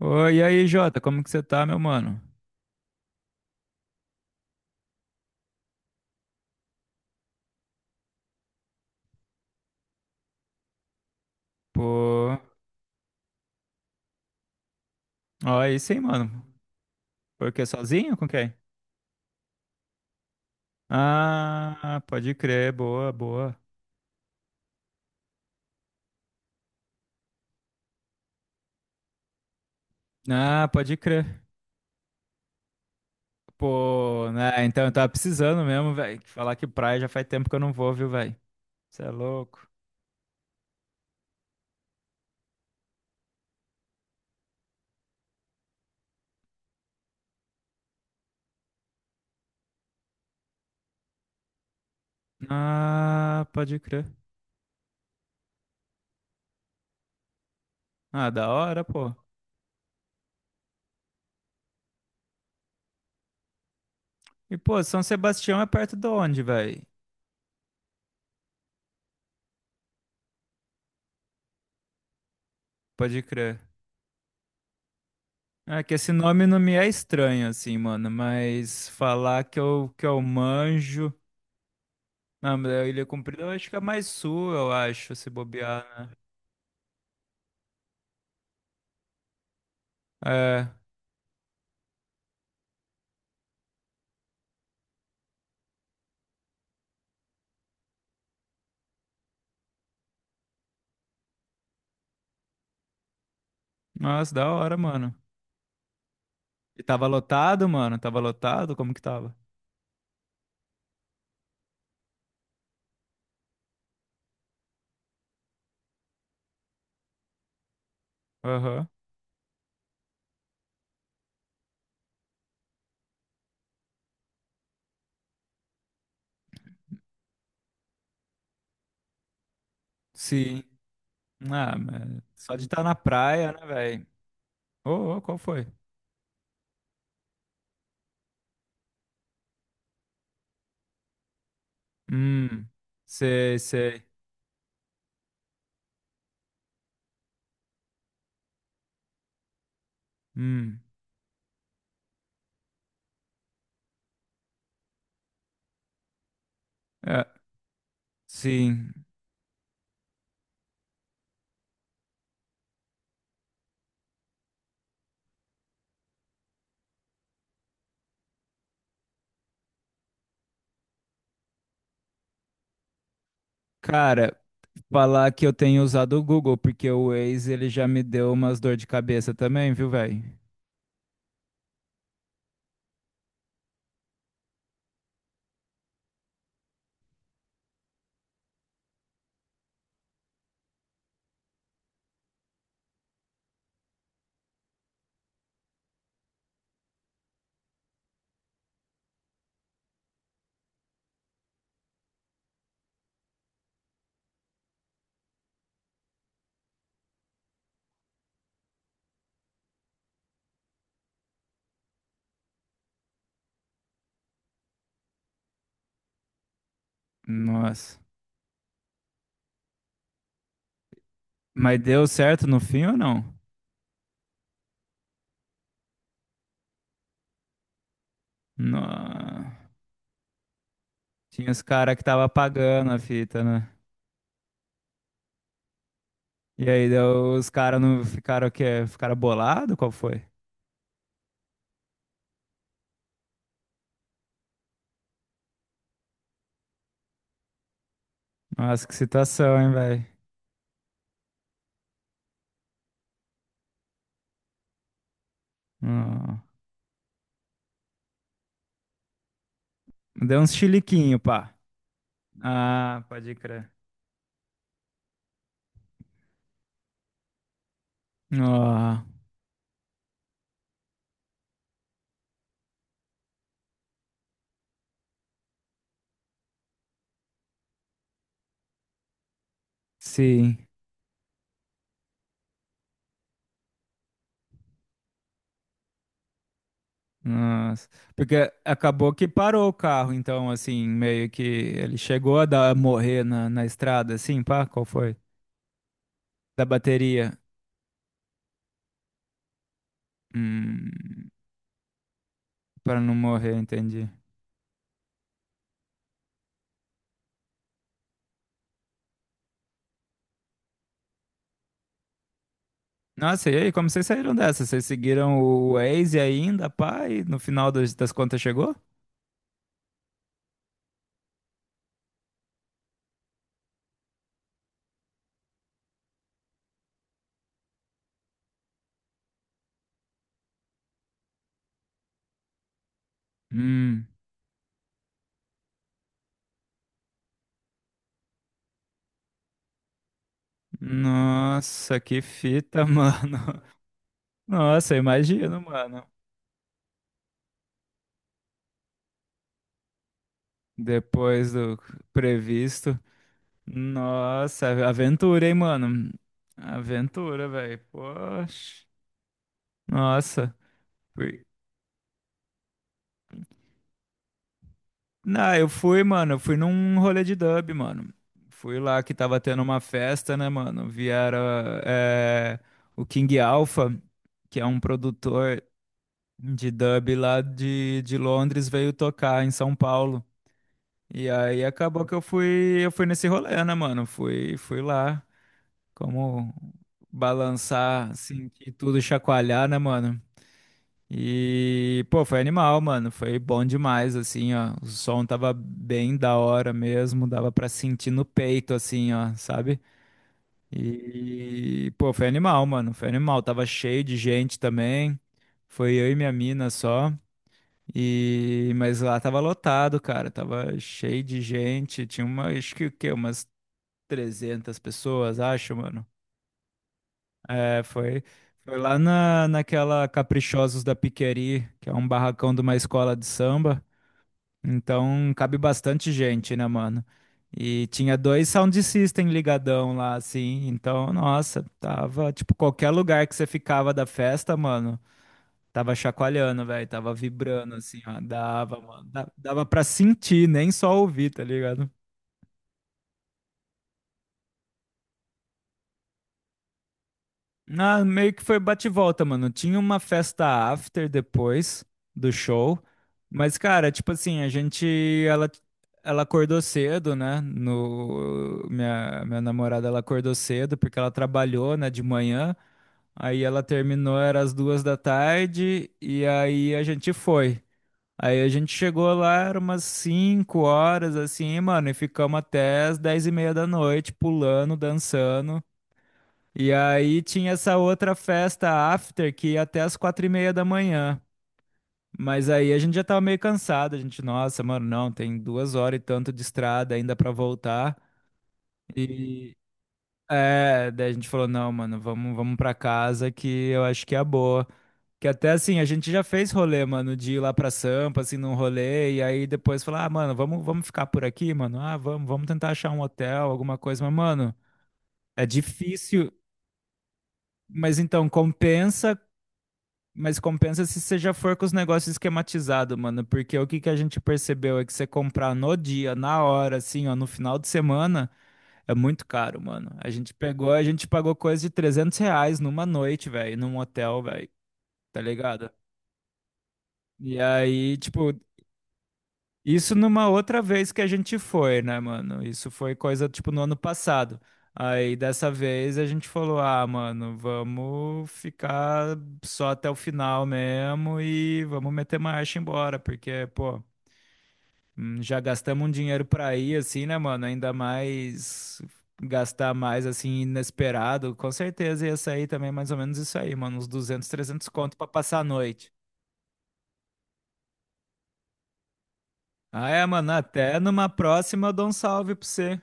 Oi, e aí, Jota, como que você tá, meu mano? Pô, ó, aí sim, mano. Por quê? Sozinho? Com quem? Ah, pode crer, boa, boa. Ah, pode crer. Pô, né, então eu tava precisando mesmo, velho. Falar que praia já faz tempo que eu não vou, viu, velho? Você é louco. Ah, pode crer. Ah, da hora, pô. E, pô, São Sebastião é perto de onde, velho? Pode crer. É que esse nome não me é estranho, assim, mano, mas falar que eu manjo. Não, mas a Ilha Comprida eu acho que é mais sul, eu acho, se bobear, né? É. Nossa, da hora, mano. E tava lotado, mano? Tava lotado? Como que tava? Aham. Sim. Ah, mas só de estar na praia, né, velho? Ô, ô, qual foi? Hum. Sei, sei. Hum. É, sim. Cara, falar que eu tenho usado o Google, porque o Waze, ele já me deu umas dor de cabeça também, viu, velho? Nossa. Mas deu certo no fim ou não? Não. Tinha os caras que tava pagando a fita, né? E aí deu- os caras não ficaram o quê? Ficaram bolado? Qual foi? Nossa, que situação, hein, velho? Não. Deu uns chiliquinho, pá. Ah, pode crer. Ah, sim. Nossa. Porque acabou que parou o carro, então, assim, meio que ele chegou a dar, morrer na, na estrada, assim, pá, qual foi? Da bateria. Hum, para não morrer, entendi. Nossa, e aí, como vocês saíram dessa? Vocês seguiram o Waze ainda, pai? No final das, das contas chegou? Hum, nossa, que fita, mano. Nossa, imagino, mano. Depois do previsto. Nossa, aventura, hein, mano? Aventura, velho. Poxa. Nossa. Não, eu fui, mano, eu fui num rolê de dub, mano. Fui lá que tava tendo uma festa, né, mano? Vieram é, o King Alpha, que é um produtor de dub lá de Londres, veio tocar em São Paulo. E aí acabou que eu fui nesse rolê, né, mano? Fui, fui lá, como balançar, sentir tudo chacoalhar, né, mano? E, pô, foi animal, mano. Foi bom demais, assim, ó. O som tava bem da hora mesmo, dava pra sentir no peito, assim, ó, sabe? E, pô, foi animal, mano. Foi animal. Tava cheio de gente também. Foi eu e minha mina só. E, mas lá tava lotado, cara. Tava cheio de gente. Tinha uma, acho que o quê? Umas 300 pessoas, acho, mano. É, foi, foi lá na, naquela Caprichosos da Piqueri, que é um barracão de uma escola de samba. Então cabe bastante gente, né, mano? E tinha dois sound system ligadão lá, assim. Então, nossa, tava, tipo, qualquer lugar que você ficava da festa, mano, tava chacoalhando, velho, tava vibrando, assim, ó. Dava, mano. Dava pra sentir, nem só ouvir, tá ligado? Ah, meio que foi bate e volta, mano. Tinha uma festa after depois do show, mas, cara, tipo assim, a gente, ela, ela acordou cedo, né? No, minha namorada, ela acordou cedo porque ela trabalhou, né, de manhã. Aí ela terminou, era às 2 da tarde, e aí a gente foi. Aí a gente chegou lá, era umas 5 horas, assim, mano, e ficamos até as 22:30, pulando, dançando. E aí tinha essa outra festa after que ia até as 4:30. Mas aí a gente já tava meio cansado, a gente, nossa, mano, não, tem 2 horas e tanto de estrada ainda pra voltar. E é, daí a gente falou, não, mano, vamos pra casa que eu acho que é a boa. Que até assim, a gente já fez rolê, mano, de ir lá pra Sampa, assim, num rolê, e aí depois falar, ah, mano, vamos ficar por aqui, mano, ah, vamos tentar achar um hotel, alguma coisa, mas, mano, é difícil. Mas então, compensa. Mas compensa se você já for com os negócios esquematizados, mano. Porque o que que a gente percebeu é que você comprar no dia, na hora, assim, ó, no final de semana, é muito caro, mano. A gente pegou, a gente pagou coisa de R$ 300 numa noite, velho, num hotel, velho, tá ligado? E aí, tipo, isso numa outra vez que a gente foi, né, mano? Isso foi coisa tipo no ano passado. Aí dessa vez a gente falou: ah, mano, vamos ficar só até o final mesmo e vamos meter marcha e embora, porque, pô, já gastamos um dinheiro pra ir, assim, né, mano? Ainda mais gastar mais, assim, inesperado. Com certeza ia sair também mais ou menos isso aí, mano, uns 200, 300 conto pra passar a noite. Ah, é, mano, até numa próxima eu dou um salve pra você.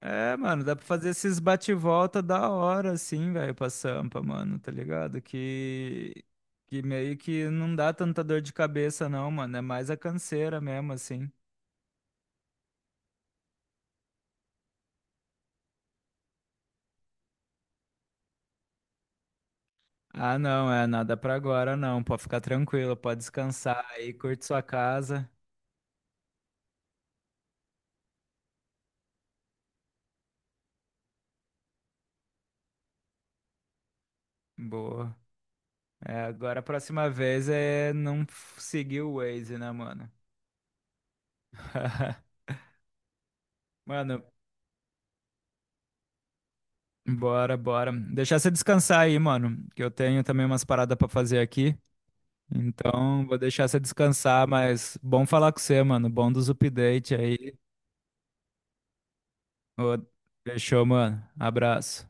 É, mano, dá pra fazer esses bate-volta da hora, assim, velho, pra Sampa, mano, tá ligado? Que meio que não dá tanta dor de cabeça, não, mano. É mais a canseira mesmo, assim. Ah, não, é nada pra agora, não. Pode ficar tranquilo, pode descansar aí, curte sua casa. Boa. É, agora a próxima vez é não seguir o Waze, né, mano? Mano, bora, bora. Deixar você descansar aí, mano, que eu tenho também umas paradas pra fazer aqui. Então, vou deixar você descansar, mas bom falar com você, mano. Bom dos updates aí. Ô, fechou, mano. Abraço.